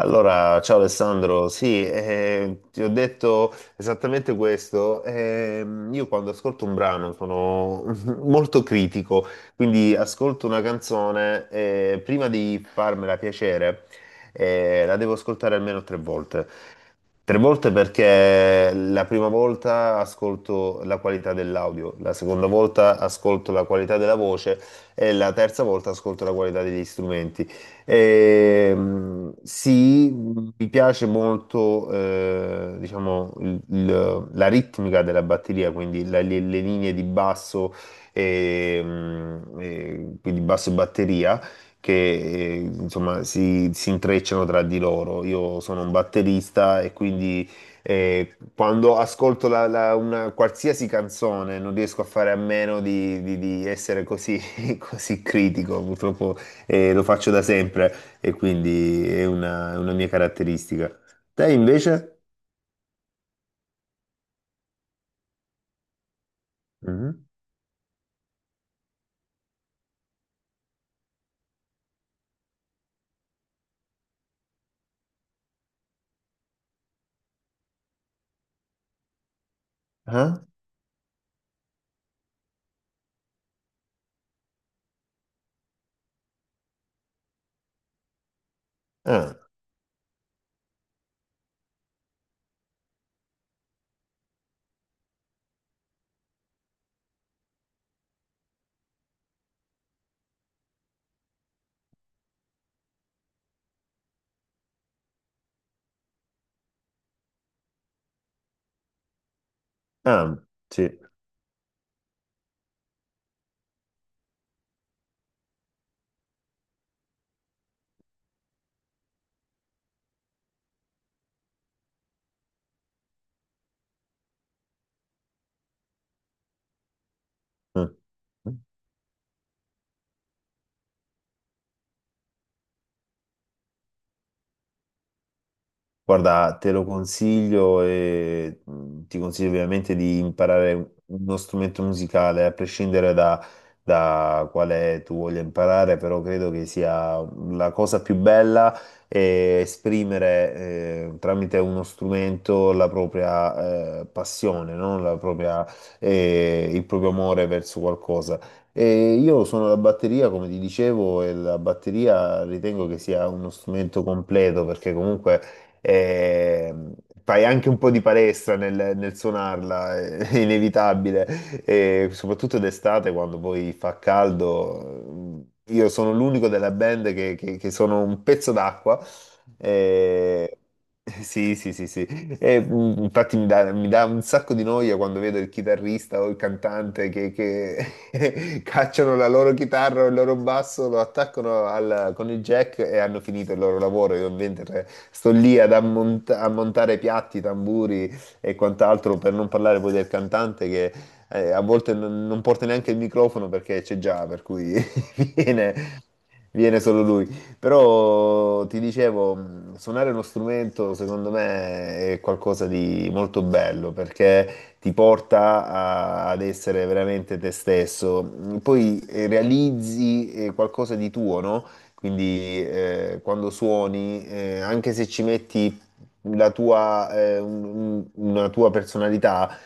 Allora, ciao Alessandro, sì, ti ho detto esattamente questo. Io quando ascolto un brano sono molto critico, quindi ascolto una canzone e prima di farmela piacere, la devo ascoltare almeno tre volte. Tre volte perché la prima volta ascolto la qualità dell'audio, la seconda volta ascolto la qualità della voce e la terza volta ascolto la qualità degli strumenti. Sì, mi piace molto, diciamo, la ritmica della batteria, quindi le linee di basso, e quindi basso e batteria che insomma si intrecciano tra di loro. Io sono un batterista e quindi quando ascolto una qualsiasi canzone non riesco a fare a meno di essere così, così critico. Purtroppo lo faccio da sempre e quindi è una mia caratteristica. Te invece? Mhm. Ah? Ah, ah, sì. Mm. Guarda, te lo consiglio e ti consiglio ovviamente di imparare uno strumento musicale, a prescindere da, da quale tu voglia imparare, però credo che sia la cosa più bella è esprimere tramite uno strumento la propria passione, no? La propria, il proprio amore verso qualcosa. E io sono la batteria, come ti dicevo, e la batteria ritengo che sia uno strumento completo perché comunque eh, fai anche un po' di palestra nel suonarla, è inevitabile, e soprattutto d'estate quando poi fa caldo. Io sono l'unico della band che, che sono un pezzo d'acqua. eh, sì, sì, sì, sì. E, infatti mi dà un sacco di noia quando vedo il chitarrista o il cantante che cacciano la loro chitarra o il loro basso, lo attaccano con il jack e hanno finito il loro lavoro. Io mentre sto lì a montare piatti, tamburi e quant'altro, per non parlare poi del cantante che a volte non porta neanche il microfono perché c'è già, per cui viene, viene solo lui. Però ti dicevo, suonare uno strumento secondo me è qualcosa di molto bello perché ti porta ad essere veramente te stesso. Poi realizzi qualcosa di tuo, no? Quindi quando suoni, anche se ci metti la tua, una tua personalità,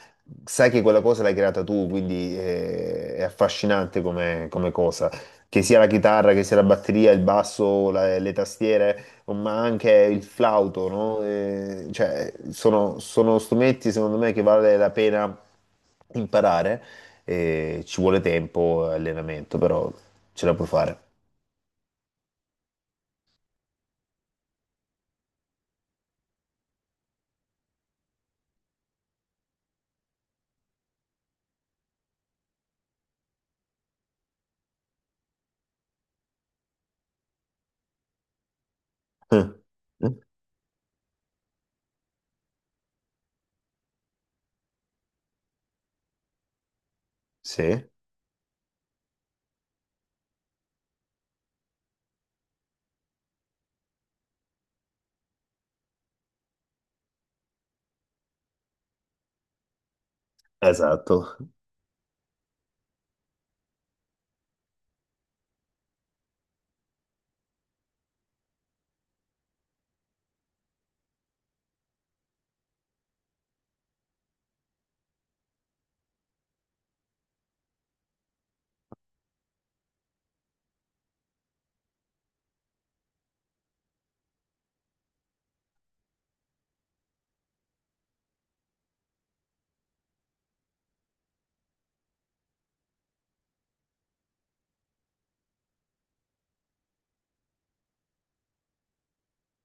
sai che quella cosa l'hai creata tu, quindi è affascinante come cosa. Che sia la chitarra, che sia la batteria, il basso, le tastiere ma anche il flauto, no? Cioè, sono strumenti secondo me che vale la pena imparare. Ci vuole tempo e allenamento, però ce la puoi fare. Sì, esatto.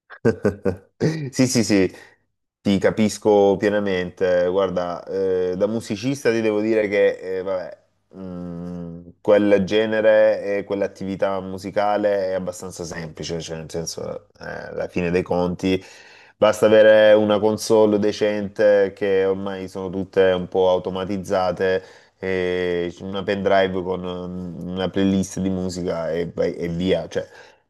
Sì, sì, sì, ti capisco pienamente. Guarda, da musicista ti devo dire che, vabbè, quel genere e quell'attività musicale è abbastanza semplice, cioè nel senso, alla fine dei conti, basta avere una console decente che ormai sono tutte un po' automatizzate, e una pendrive con una playlist di musica e, e via, cioè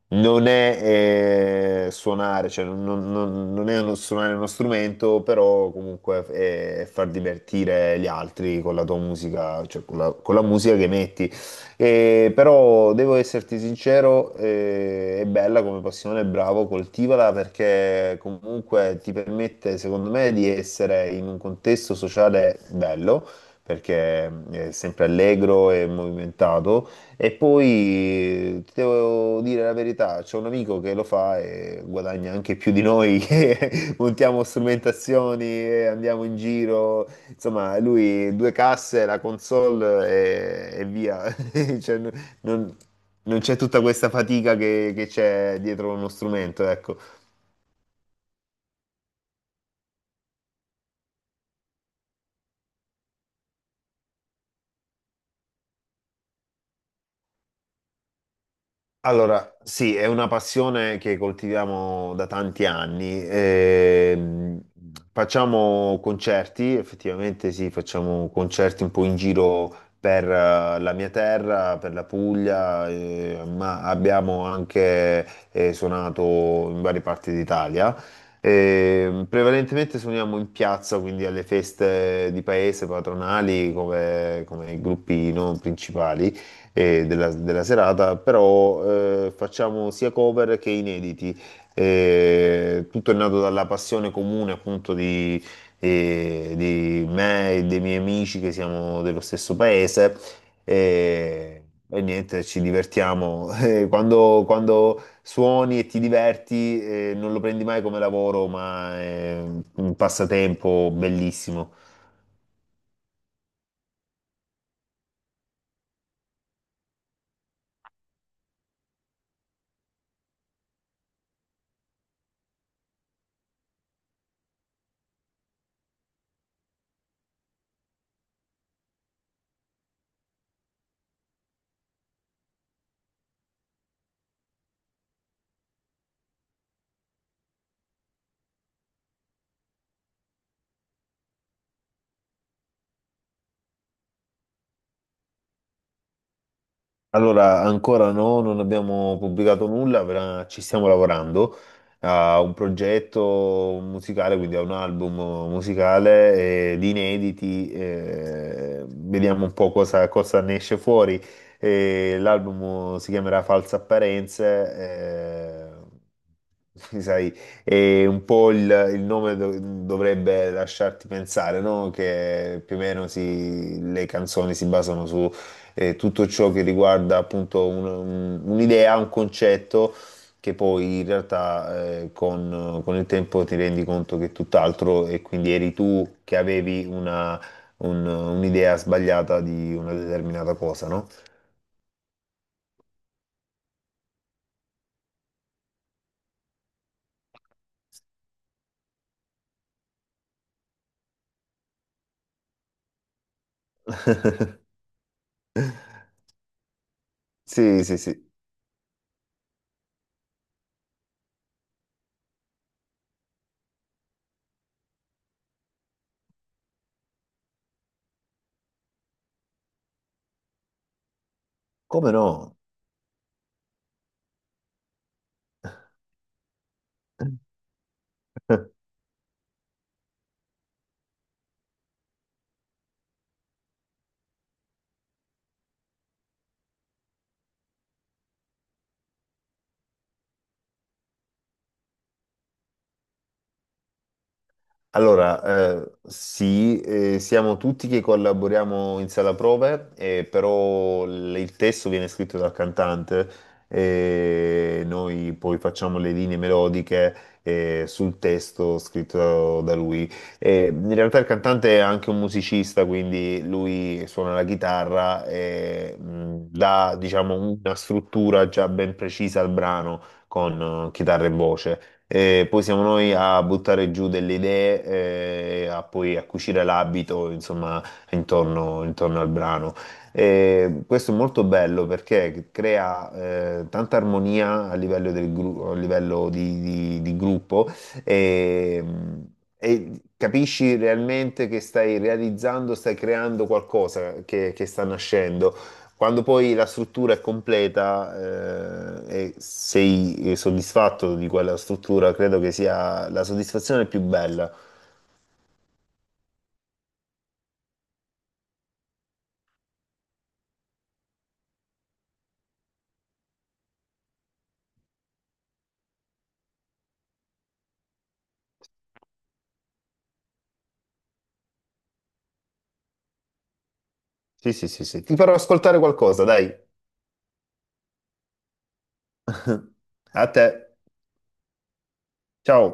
non è suonare, cioè non è suonare uno strumento, però comunque è far divertire gli altri con la tua musica, cioè con la musica che metti. E, però devo esserti sincero, è bella come passione, bravo, coltivala perché comunque ti permette, secondo me, di essere in un contesto sociale bello, perché è sempre allegro e movimentato e poi ti devo dire la verità, c'è un amico che lo fa e guadagna anche più di noi che montiamo strumentazioni e andiamo in giro. Insomma, lui due casse, la console e via. Cioè, non, non c'è tutta questa fatica che c'è dietro uno strumento, ecco. Allora, sì, è una passione che coltiviamo da tanti anni. Facciamo concerti, effettivamente sì, facciamo concerti un po' in giro per la mia terra, per la Puglia, ma abbiamo anche suonato in varie parti d'Italia. Prevalentemente suoniamo in piazza, quindi alle feste di paese patronali come, come gruppi non principali della, della serata, però facciamo sia cover che inediti. Tutto è nato dalla passione comune appunto di me e dei miei amici che siamo dello stesso paese. E, e niente, ci divertiamo. Quando, quando suoni e ti diverti, non lo prendi mai come lavoro, ma è un passatempo bellissimo. Allora, ancora no, non abbiamo pubblicato nulla, però ci stiamo lavorando a un progetto musicale, quindi a un album musicale di inediti. Vediamo un po' cosa, cosa ne esce fuori. L'album si chiamerà False Apparenze. Sai, e un po' il nome dovrebbe lasciarti pensare, no? Che più o meno le canzoni si basano su tutto ciò che riguarda appunto un'idea, un concetto che poi in realtà con il tempo ti rendi conto che è tutt'altro e quindi eri tu che avevi un'idea sbagliata di una determinata cosa, no? Sì, sì, sì. Come no? Allora, sì, siamo tutti che collaboriamo in sala prove, però il testo viene scritto dal cantante e noi poi facciamo le linee melodiche sul testo scritto da lui. In realtà il cantante è anche un musicista, quindi lui suona la chitarra e dà, diciamo, una struttura già ben precisa al brano con chitarra e voce. Poi siamo noi a buttare giù delle idee, a poi a cucire l'abito, insomma, intorno al brano. Questo è molto bello perché crea tanta armonia a livello di gruppo e, e capisci realmente che stai realizzando, stai creando qualcosa che sta nascendo. Quando poi la struttura è completa, e sei soddisfatto di quella struttura, credo che sia la soddisfazione più bella. Sì, sì, sì, sì. Ti farò ascoltare qualcosa, dai. A te. Ciao.